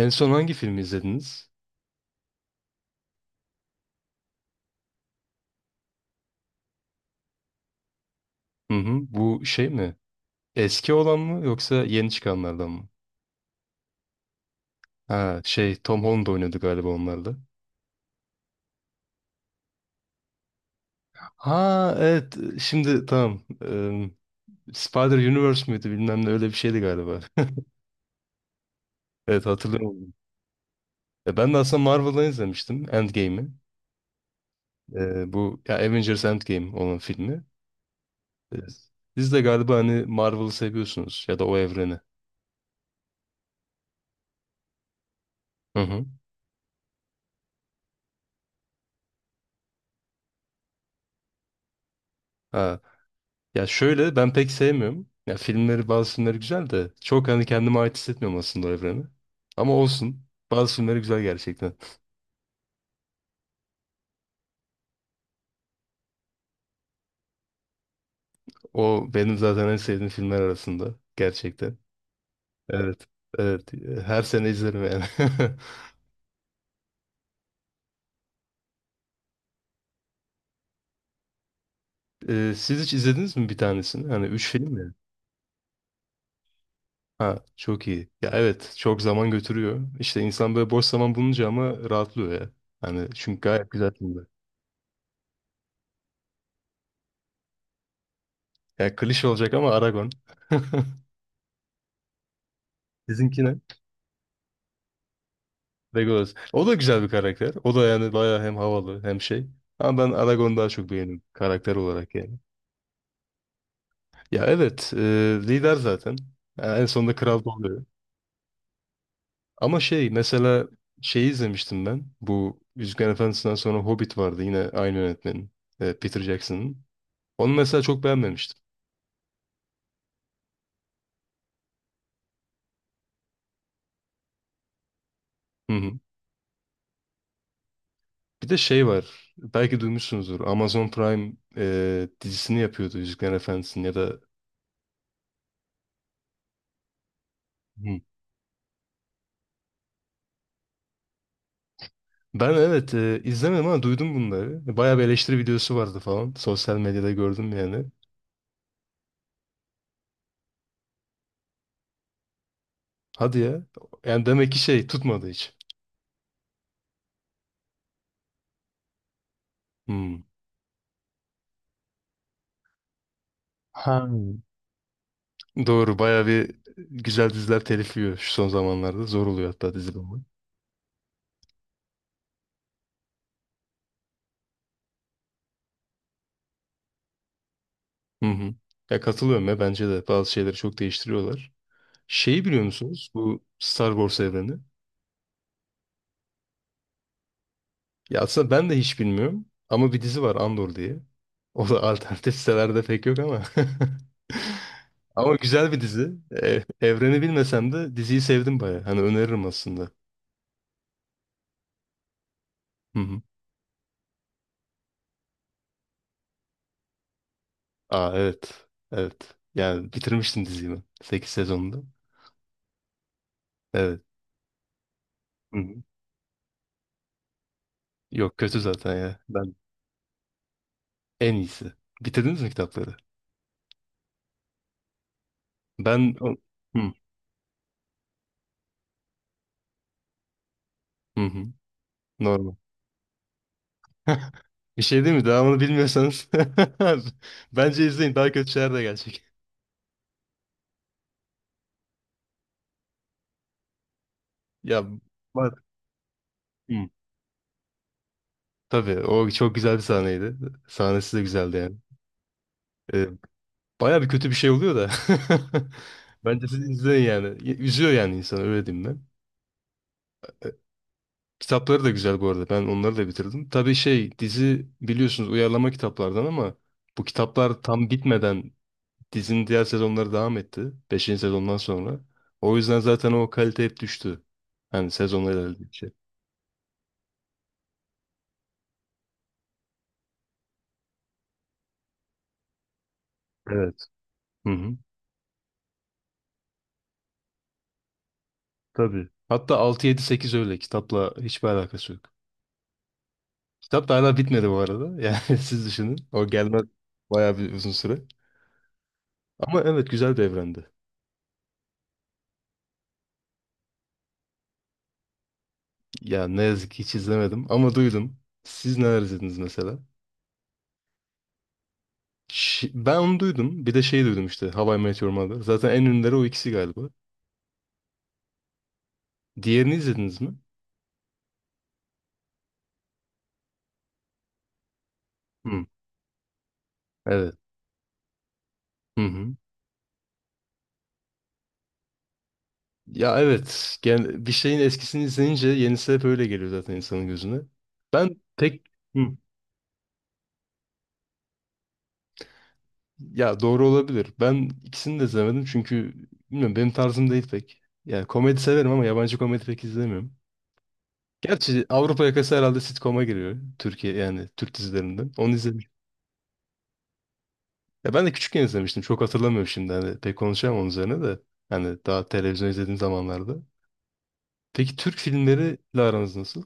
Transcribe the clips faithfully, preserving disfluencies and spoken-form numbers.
En son hangi filmi izlediniz? Hı hı. Bu şey mi? Eski olan mı yoksa yeni çıkanlardan mı? Ha şey Tom Holland oynadı galiba onlarda. Ha evet şimdi tamam. Eee, Spider-Universe müydü bilmem ne öyle bir şeydi galiba. Evet hatırlıyorum. Ya ben de aslında Marvel'dan izlemiştim Endgame'i. Eee, bu ya Avengers Endgame olan filmi. Eee, Siz de galiba hani Marvel'ı seviyorsunuz ya da o evreni. Hı hı. Ha. Ya şöyle ben pek sevmiyorum. Ya filmleri bazı filmleri güzel de çok hani kendime ait hissetmiyorum aslında o evreni. Ama olsun. Bazı filmleri güzel gerçekten. O benim zaten en sevdiğim filmler arasında. Gerçekten. Evet. Evet. Her sene izlerim yani. Ee, siz hiç izlediniz mi bir tanesini? Hani üç film mi? Ha çok iyi. Ya evet çok zaman götürüyor. İşte insan böyle boş zaman bulunca ama rahatlıyor ya. Hani çünkü gayet güzel filmler. Ya klişe olacak ama Aragon. Sizinki ne? Legolas. O da güzel bir karakter. O da yani bayağı hem havalı hem şey. Ama ben Aragorn'u daha çok beğendim karakter olarak yani. Ya evet e, lider zaten. Yani en sonunda kral da oluyor. Ama şey mesela şeyi izlemiştim ben. Bu Yüzüklerin Efendisi'nden sonra Hobbit vardı yine aynı yönetmenin. e, Peter Jackson'ın. Onu mesela çok beğenmemiştim. Hı hı. Bir de şey var. Belki duymuşsunuzdur. Amazon Prime e, dizisini yapıyordu Yüzüklerin Efendisi'nin ya da... Hı. Ben evet e, izlemedim ama duydum bunları. Bayağı bir eleştiri videosu vardı falan. Sosyal medyada gördüm yani. Hadi ya. Yani demek ki şey tutmadı hiç. Hmm. Ha. Doğru bayağı bir güzel diziler telif yiyor şu son zamanlarda. Zor oluyor hatta dizi bulmak. Hı hı. Ya katılıyorum ya bence de bazı şeyleri çok değiştiriyorlar. Şeyi biliyor musunuz? Bu Star Wars evreni. Ya aslında ben de hiç bilmiyorum. Ama bir dizi var Andor diye. O da alternatif sitelerde pek yok ama. Ama güzel bir dizi. E, evreni bilmesem de diziyi sevdim baya. Hani öneririm aslında. Hı hı. Aa evet. Evet. Yani bitirmiştim diziyi ben. sekiz sezonda. Evet. Hı hı. Yok kötü zaten ya. Ben en iyisi. Bitirdiniz mi kitapları? Ben o- hı. Hı hı. Normal. Bir şey değil mi? Devamını bilmiyorsanız bence izleyin. Daha kötü şeyler de gelecek. Ya bak. Hı. Tabii o çok güzel bir sahneydi. Sahnesi de güzeldi yani. Ee, baya bir kötü bir şey oluyor da. Bence siz izleyin yani. Y- Üzüyor yani insanı öyle diyeyim ben. Kitapları da güzel bu arada. Ben onları da bitirdim. Tabii şey dizi biliyorsunuz uyarlama kitaplardan ama bu kitaplar tam bitmeden dizinin diğer sezonları devam etti. Beşinci sezondan sonra. O yüzden zaten o kalite hep düştü. Hani sezonlar ilerledikçe. Evet. Hı hı. Tabii. Hatta altı yedi sekiz öyle. Kitapla hiçbir alakası yok. Kitap da hala bitmedi bu arada. Yani siz düşünün. O gelmez bayağı bir uzun süre. Ama evet güzel bir evrendi. Ya ne yazık ki hiç izlemedim ama duydum. Siz neler izlediniz mesela? Ş- ben onu duydum. Bir de şey duydum işte How I Met Your Mother. Zaten en ünlüleri o ikisi galiba. Diğerini izlediniz mi? Hı. Evet. Hı hı. Ya evet. Gen- bir şeyin eskisini izleyince yenisi hep öyle geliyor zaten insanın gözüne. Ben pek... Hı. Ya doğru olabilir. Ben ikisini de izlemedim çünkü bilmiyorum benim tarzım değil pek. Yani komedi severim ama yabancı komedi pek izlemiyorum. Gerçi Avrupa Yakası herhalde sitcom'a giriyor. Türkiye yani Türk dizilerinden. Onu izlemiştim. Ya ben de küçükken izlemiştim. Çok hatırlamıyorum şimdi. Hani pek konuşamam onun üzerine de. Hani daha televizyon izlediğim zamanlarda. Peki Türk filmleriyle aranız nasıl?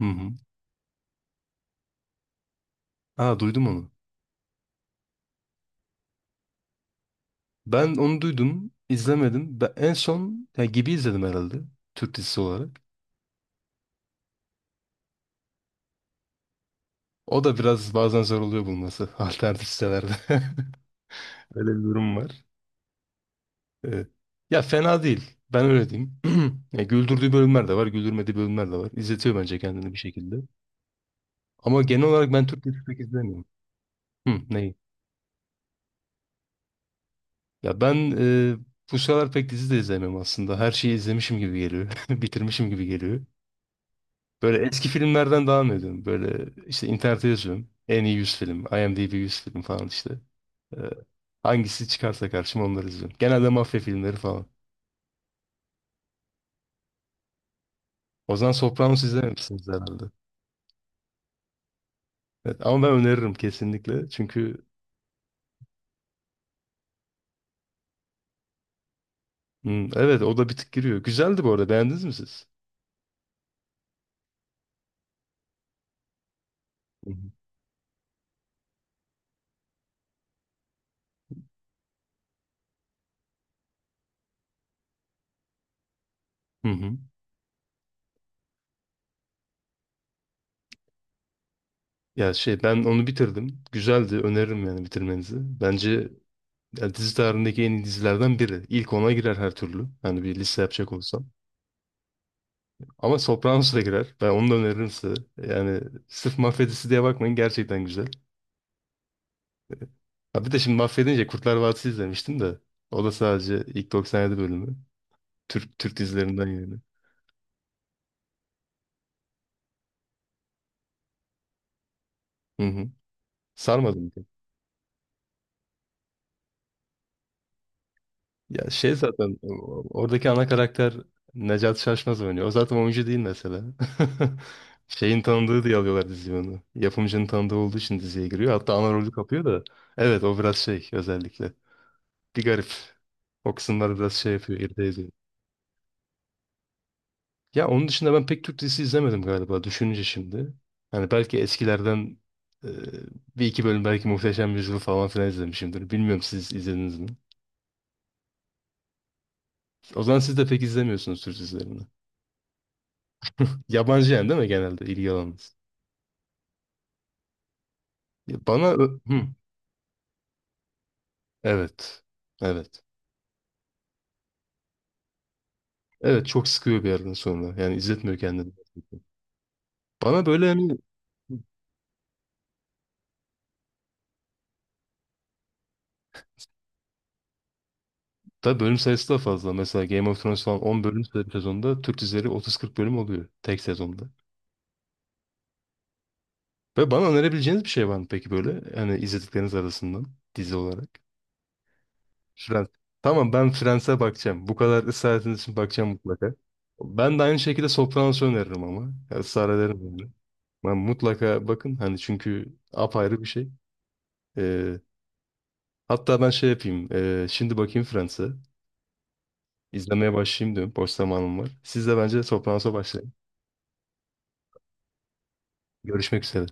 Hı hı. Aa duydum onu. Ben onu duydum. İzlemedim. Ben en son yani gibi izledim herhalde. Türk dizisi olarak. O da biraz bazen zor oluyor bulması alternatif sitelerde. Öyle bir durum var. Evet. Ya fena değil. Ben öyle diyeyim. Ya güldürdüğü bölümler de var, güldürmediği bölümler de var. İzletiyor bence kendini bir şekilde. Ama genel olarak ben Türk dizisi pek izlemiyorum. Hı, neyi? Ya ben e, bu sıralar pek dizi de izlemiyorum aslında. Her şeyi izlemişim gibi geliyor. Bitirmişim gibi geliyor. Böyle eski filmlerden devam ediyorum. Böyle işte internete yazıyorum. En iyi yüz film, IMDb yüz film falan işte. Ee, Hangisi çıkarsa karşıma onları izliyorum. Genelde mafya filmleri falan. O zaman Sopranos izlememişsiniz herhalde. Evet, ama ben öneririm kesinlikle. Çünkü hmm, evet o da bir tık giriyor. Güzeldi bu arada. Beğendiniz mi siz? Hı hı. Hı hı. Ya şey ben onu bitirdim. Güzeldi. Öneririm yani bitirmenizi. Bence ya dizi tarihindeki en iyi dizilerden biri. İlk ona girer her türlü. Hani bir liste yapacak olsam. Ama Sopranos da girer. Ben onu da öneririm size. Yani sırf mafya dizisi diye bakmayın. Gerçekten güzel. Ha bir de şimdi mahvedince Kurtlar Vadisi izlemiştim de. O da sadece ilk doksan yedi bölümü. Türk Türk dizilerinden yani. Hı hı. Sarmadım. Ya şey zaten o- oradaki ana karakter Necat Şaşmaz oynuyor. O zaten oyuncu değil mesela. Şeyin tanıdığı diye alıyorlar diziyi onu. Yapımcının tanıdığı olduğu için diziye giriyor. Hatta ana rolü kapıyor da. Evet o biraz şey özellikle. Bir garip. O kısımlar biraz şey yapıyor. İrite Ya onun dışında ben pek Türk dizisi izlemedim galiba düşününce şimdi. Hani belki eskilerden e, bir iki bölüm belki Muhteşem Yüzyıl falan filan izlemişimdir. Bilmiyorum siz izlediniz mi? O zaman siz de pek izlemiyorsunuz Türk dizilerini. Yabancı yani değil mi genelde ilgi alanınız? Ya bana... ö- Hı, evet. Evet. Evet çok sıkıyor bir yerden sonra. Yani izletmiyor kendini. Bana böyle hani... Tabii bölüm sayısı da fazla. Mesela Game of Thrones falan on bölüm bir sezonda Türk dizileri otuz kırk bölüm oluyor tek sezonda. Ve bana önerebileceğiniz bir şey var mı peki böyle? Hani izledikleriniz arasından dizi olarak. Friends. Tamam ben Friends'e bakacağım. Bu kadar ısrar ettiğiniz için bakacağım mutlaka. Ben de aynı şekilde Sopranos'u öneririm ama. Ya, ısrar ederim yani. Ben mutlaka bakın hani çünkü apayrı bir şey. Ee, hatta ben şey yapayım. ee, şimdi bakayım Friends'e. İzlemeye başlayayım diyorum. Boş zamanım var. Siz de bence Sopranos'a başlayın. Görüşmek üzere.